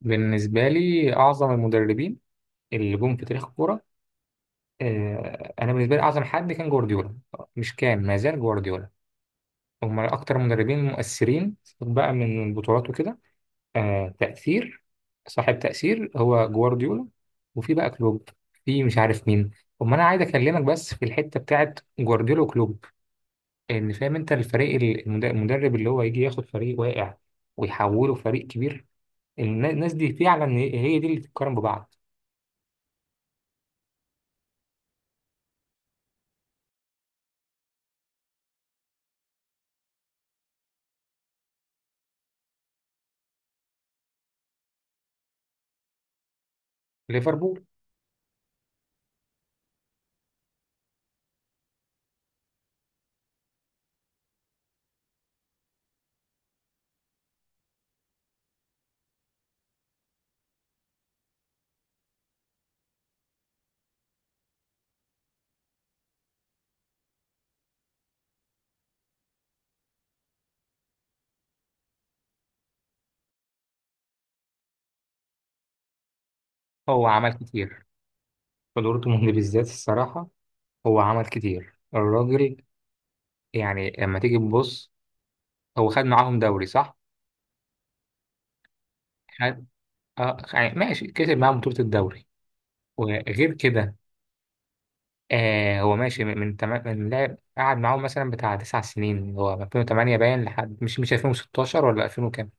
بالنسبة لي أعظم المدربين اللي جم في تاريخ الكورة. أنا بالنسبة لي أعظم حد كان جوارديولا، مش كان، ما زال جوارديولا. هم أكتر مدربين مؤثرين بقى من البطولات وكده. تأثير، صاحب تأثير هو جوارديولا، وفي بقى كلوب، في مش عارف مين. أما أنا عايز أكلمك بس في الحتة بتاعت جوارديولا وكلوب، إن فاهم أنت الفريق المدرب اللي هو يجي ياخد فريق واقع ويحوله فريق كبير. الناس دي فعلا هي دي اللي تتقارن ببعض. ليفربول. هو عمل كتير. في دورتموند بالذات الصراحة، هو عمل كتير الراجل. يعني لما تيجي تبص، هو خد معاهم دوري صح؟ خد. آه يعني ماشي، كسب معاهم بطولة الدوري وغير كده. آه، هو ماشي من لعب، قعد معاهم مثلا بتاع تسع سنين، اللي هو من 2008 باين لحد مش 2016 ولا 2000.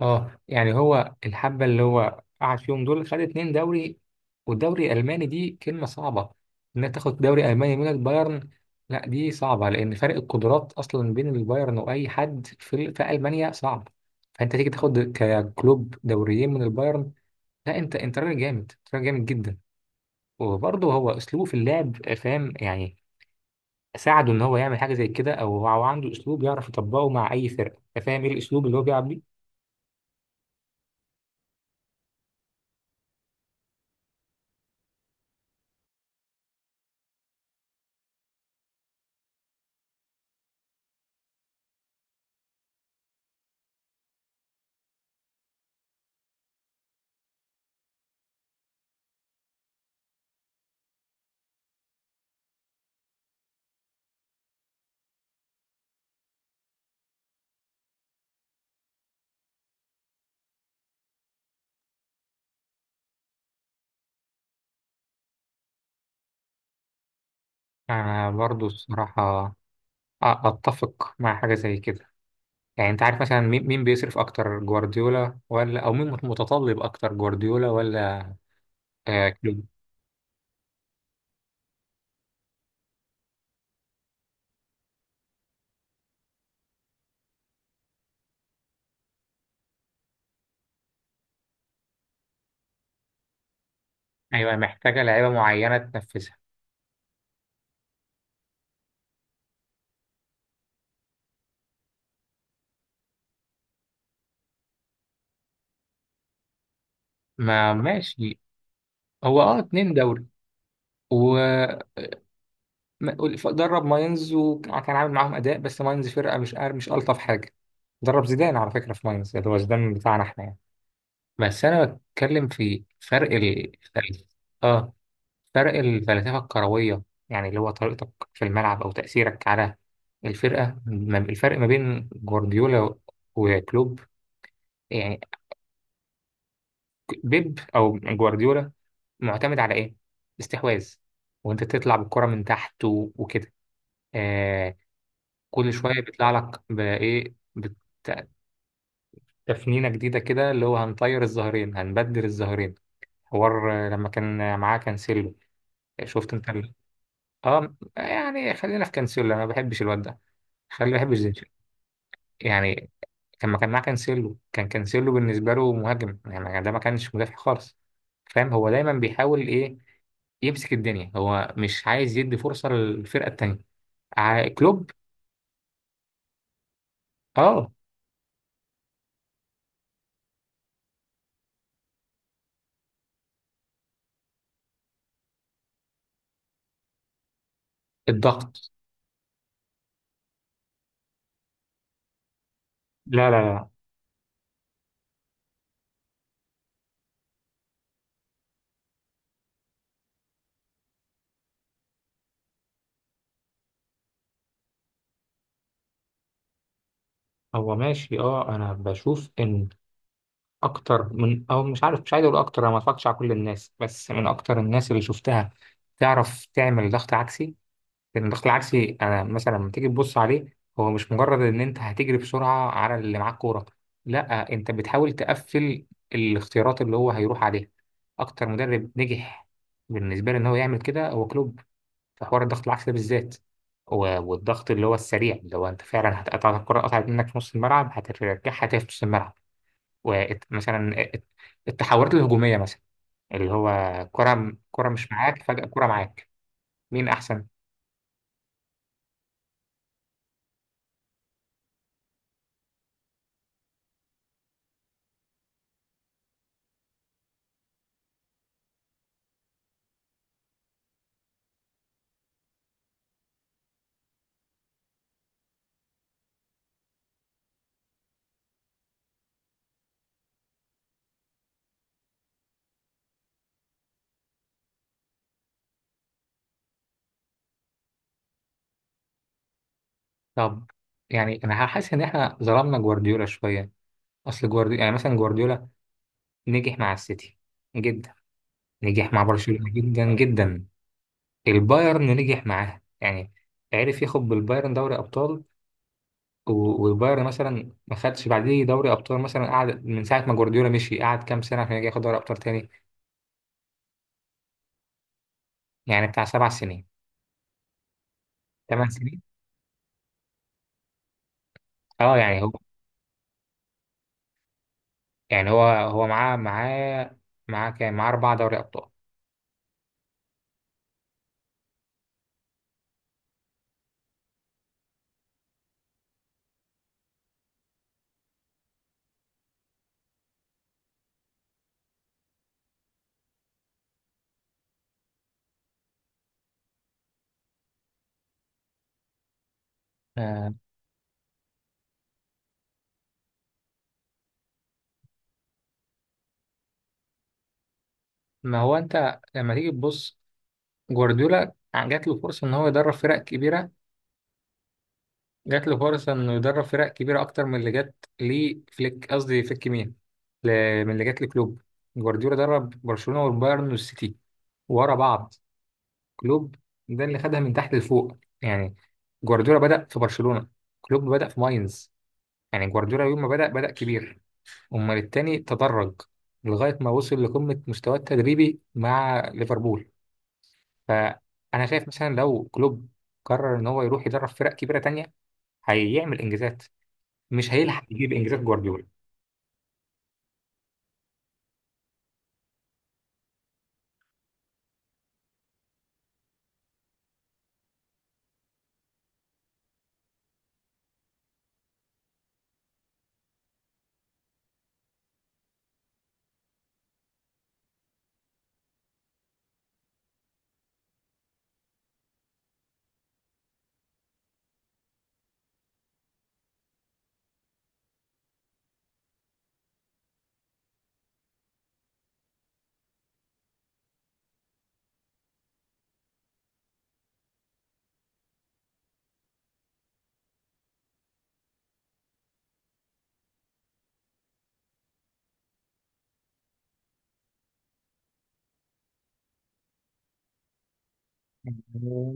اه يعني هو الحبة اللي هو قعد فيهم دول خد اتنين دوري. والدوري الألماني دي كلمة صعبة، إنك تاخد دوري ألماني من البايرن. لا دي صعبة، لأن فرق القدرات أصلا بين البايرن وأي حد في ألمانيا صعب. فأنت تيجي تاخد ككلوب دوريين من البايرن، لا أنت راجل جامد، أنت راجل جامد جدا. وبرضه هو أسلوبه في اللعب، فاهم يعني، ساعده إن هو يعمل حاجة زي كده، أو هو عنده أسلوب يعرف يطبقه مع أي فرقة. فاهم إيه الأسلوب اللي هو بيلعب بيه؟ أنا برضه الصراحة اتفق مع حاجه زي كده. يعني انت عارف مثلا مين بيصرف اكتر، جوارديولا ولا، او مين متطلب اكتر، جوارديولا ولا. آه كلوب. ايوه، محتاجه لعيبه معينه تنفذها. ما ماشي. هو اه اتنين دوري، و درب ماينز، وكان عامل معاهم اداء، بس ماينز فرقه مش الطف حاجه. درب زيدان على فكره في ماينز، اللي هو زيدان بتاعنا احنا يعني. بس انا بتكلم في فرق ال- اه فرق الفلسفة الكروية، يعني اللي هو طريقتك في الملعب أو تأثيرك على الفرق ما بين جوارديولا وكلوب. يعني بيب أو جوارديولا معتمد على إيه؟ استحواذ، وأنت تطلع بالكرة من تحت وكده. آه، كل شوية بيطلع لك تفنينة جديدة كده، اللي هو هنطير الظهرين، هنبدل الظهرين. حوار لما كان معاه كانسيلو، شفت أنت اه يعني خلينا في كانسيلو، أنا ما بحبش الواد ده، خلي بحب زيزو. يعني كان ما كان معاه كانسيلو، كان كانسيلو بالنسبة له مهاجم، يعني ده ما كانش مدافع خالص. فاهم هو دايما بيحاول ايه؟ يمسك الدنيا، هو مش عايز يدي فرصة للفرقة التانية. كلوب. اه الضغط. لا لا لا. هو ماشي، انا بشوف ان اكتر من، مش عارف، مش عايز اقول اكتر، انا ما اتفرجتش على كل الناس، بس من اكتر الناس اللي شفتها تعرف تعمل ضغط عكسي. لكن الضغط العكسي انا مثلا لما تيجي تبص عليه، هو مش مجرد ان انت هتجري بسرعه على اللي معاك كوره، لا انت بتحاول تقفل الاختيارات اللي هو هيروح عليها. اكتر مدرب نجح بالنسبه لي ان هو يعمل كده هو كلوب، في حوار الضغط العكسي ده بالذات، والضغط اللي هو السريع، اللي هو انت فعلا هتقطع الكره، قطعت منك في نص الملعب هترجعها تاني في نص الملعب. ومثلا التحولات الهجوميه مثلا، اللي هو كره كره مش معاك فجاه كره معاك. مين احسن؟ طب، يعني انا حاسس ان احنا ظلمنا جوارديولا شويه. اصل جوارديولا يعني مثلا، جوارديولا نجح مع السيتي جدا، نجح مع برشلونه جدا جدا، البايرن نجح معاه يعني، عرف ياخد بالبايرن دوري ابطال، والبايرن مثلا ما خدش بعديه دوري ابطال مثلا، قعد من ساعه ما جوارديولا مشي قعد كام سنه عشان يجي ياخد دوري ابطال تاني. يعني بتاع سبع سنين، ثمان سنين. اه يعني هو يعني هو هو معاه، معاه كام؟ معاه اربع دوري ابطال. آه. ما هو انت لما تيجي تبص، جوارديولا جات له فرصة إن هو يدرب فرق كبيرة، جات له فرصة إنه يدرب فرق كبيرة أكتر من اللي جات لفليك، قصدي فليك مين، ل- من اللي جات لكلوب. جوارديولا درب برشلونة والبايرن والسيتي ورا بعض. كلوب ده اللي خدها من تحت لفوق يعني. جوارديولا بدأ في برشلونة، كلوب بدأ في ماينز. يعني جوارديولا يوم ما بدأ، بدأ كبير، أمال التاني تدرج لغاية ما وصل لقمة مستواه التدريبي مع ليفربول. فانا شايف مثلا لو كلوب قرر ان هو يروح يدرب فرق كبيره تانية، هيعمل انجازات، مش هيلحق يجيب انجازات جوارديولا.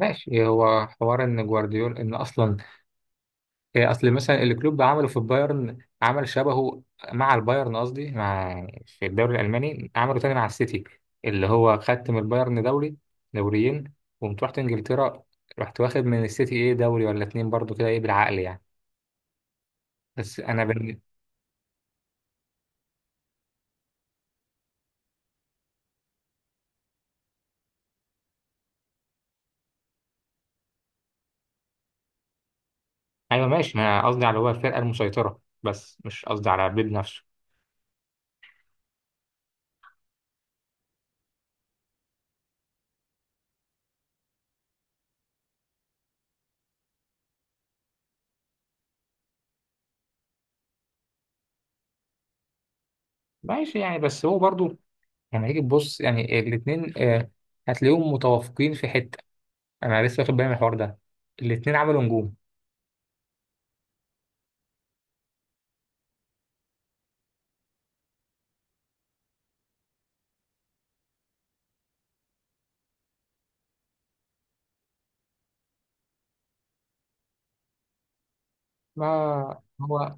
ماشي، هو حوار ان جوارديولا، ان اصلا إيه، اصل مثلا اللي كلوب عمله في البايرن عمل شبهه مع البايرن، قصدي مع، في الدوري الالماني، عمله تاني مع السيتي، اللي هو خدت من البايرن دوري، دوريين، وقمت رحت انجلترا، رحت واخد من السيتي ايه، دوري ولا اتنين برضو كده، ايه بالعقل يعني. بس انا ايوه ماشي، ما أنا قصدي على هو الفرقه المسيطره بس، مش قصدي على بيب نفسه. ماشي يعني، بس هو برضو لما هيجي تبص يعني الاثنين، هتلاقيهم متوافقين في حته. انا لسه واخد بالي من الحوار ده، الاثنين عملوا نجوم. ما هو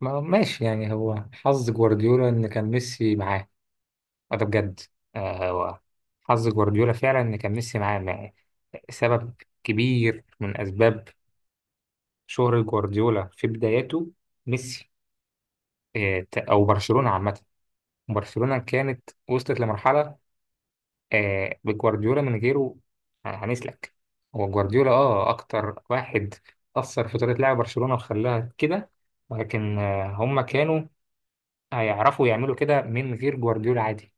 ما ماشي، يعني هو حظ جوارديولا ان كان ميسي معاه، وده بجد. هو حظ جوارديولا فعلا ان كان ميسي معاه سبب كبير من اسباب شهرة جوارديولا في بداياته، ميسي. او برشلونه عامه، برشلونة كانت وصلت لمرحلة بجوارديولا من غيره هنسلك. هو جوارديولا أكتر واحد أثر في طريقة لعب برشلونة وخلاها كده، ولكن هم كانوا هيعرفوا يعملوا كده من غير جوارديولا عادي.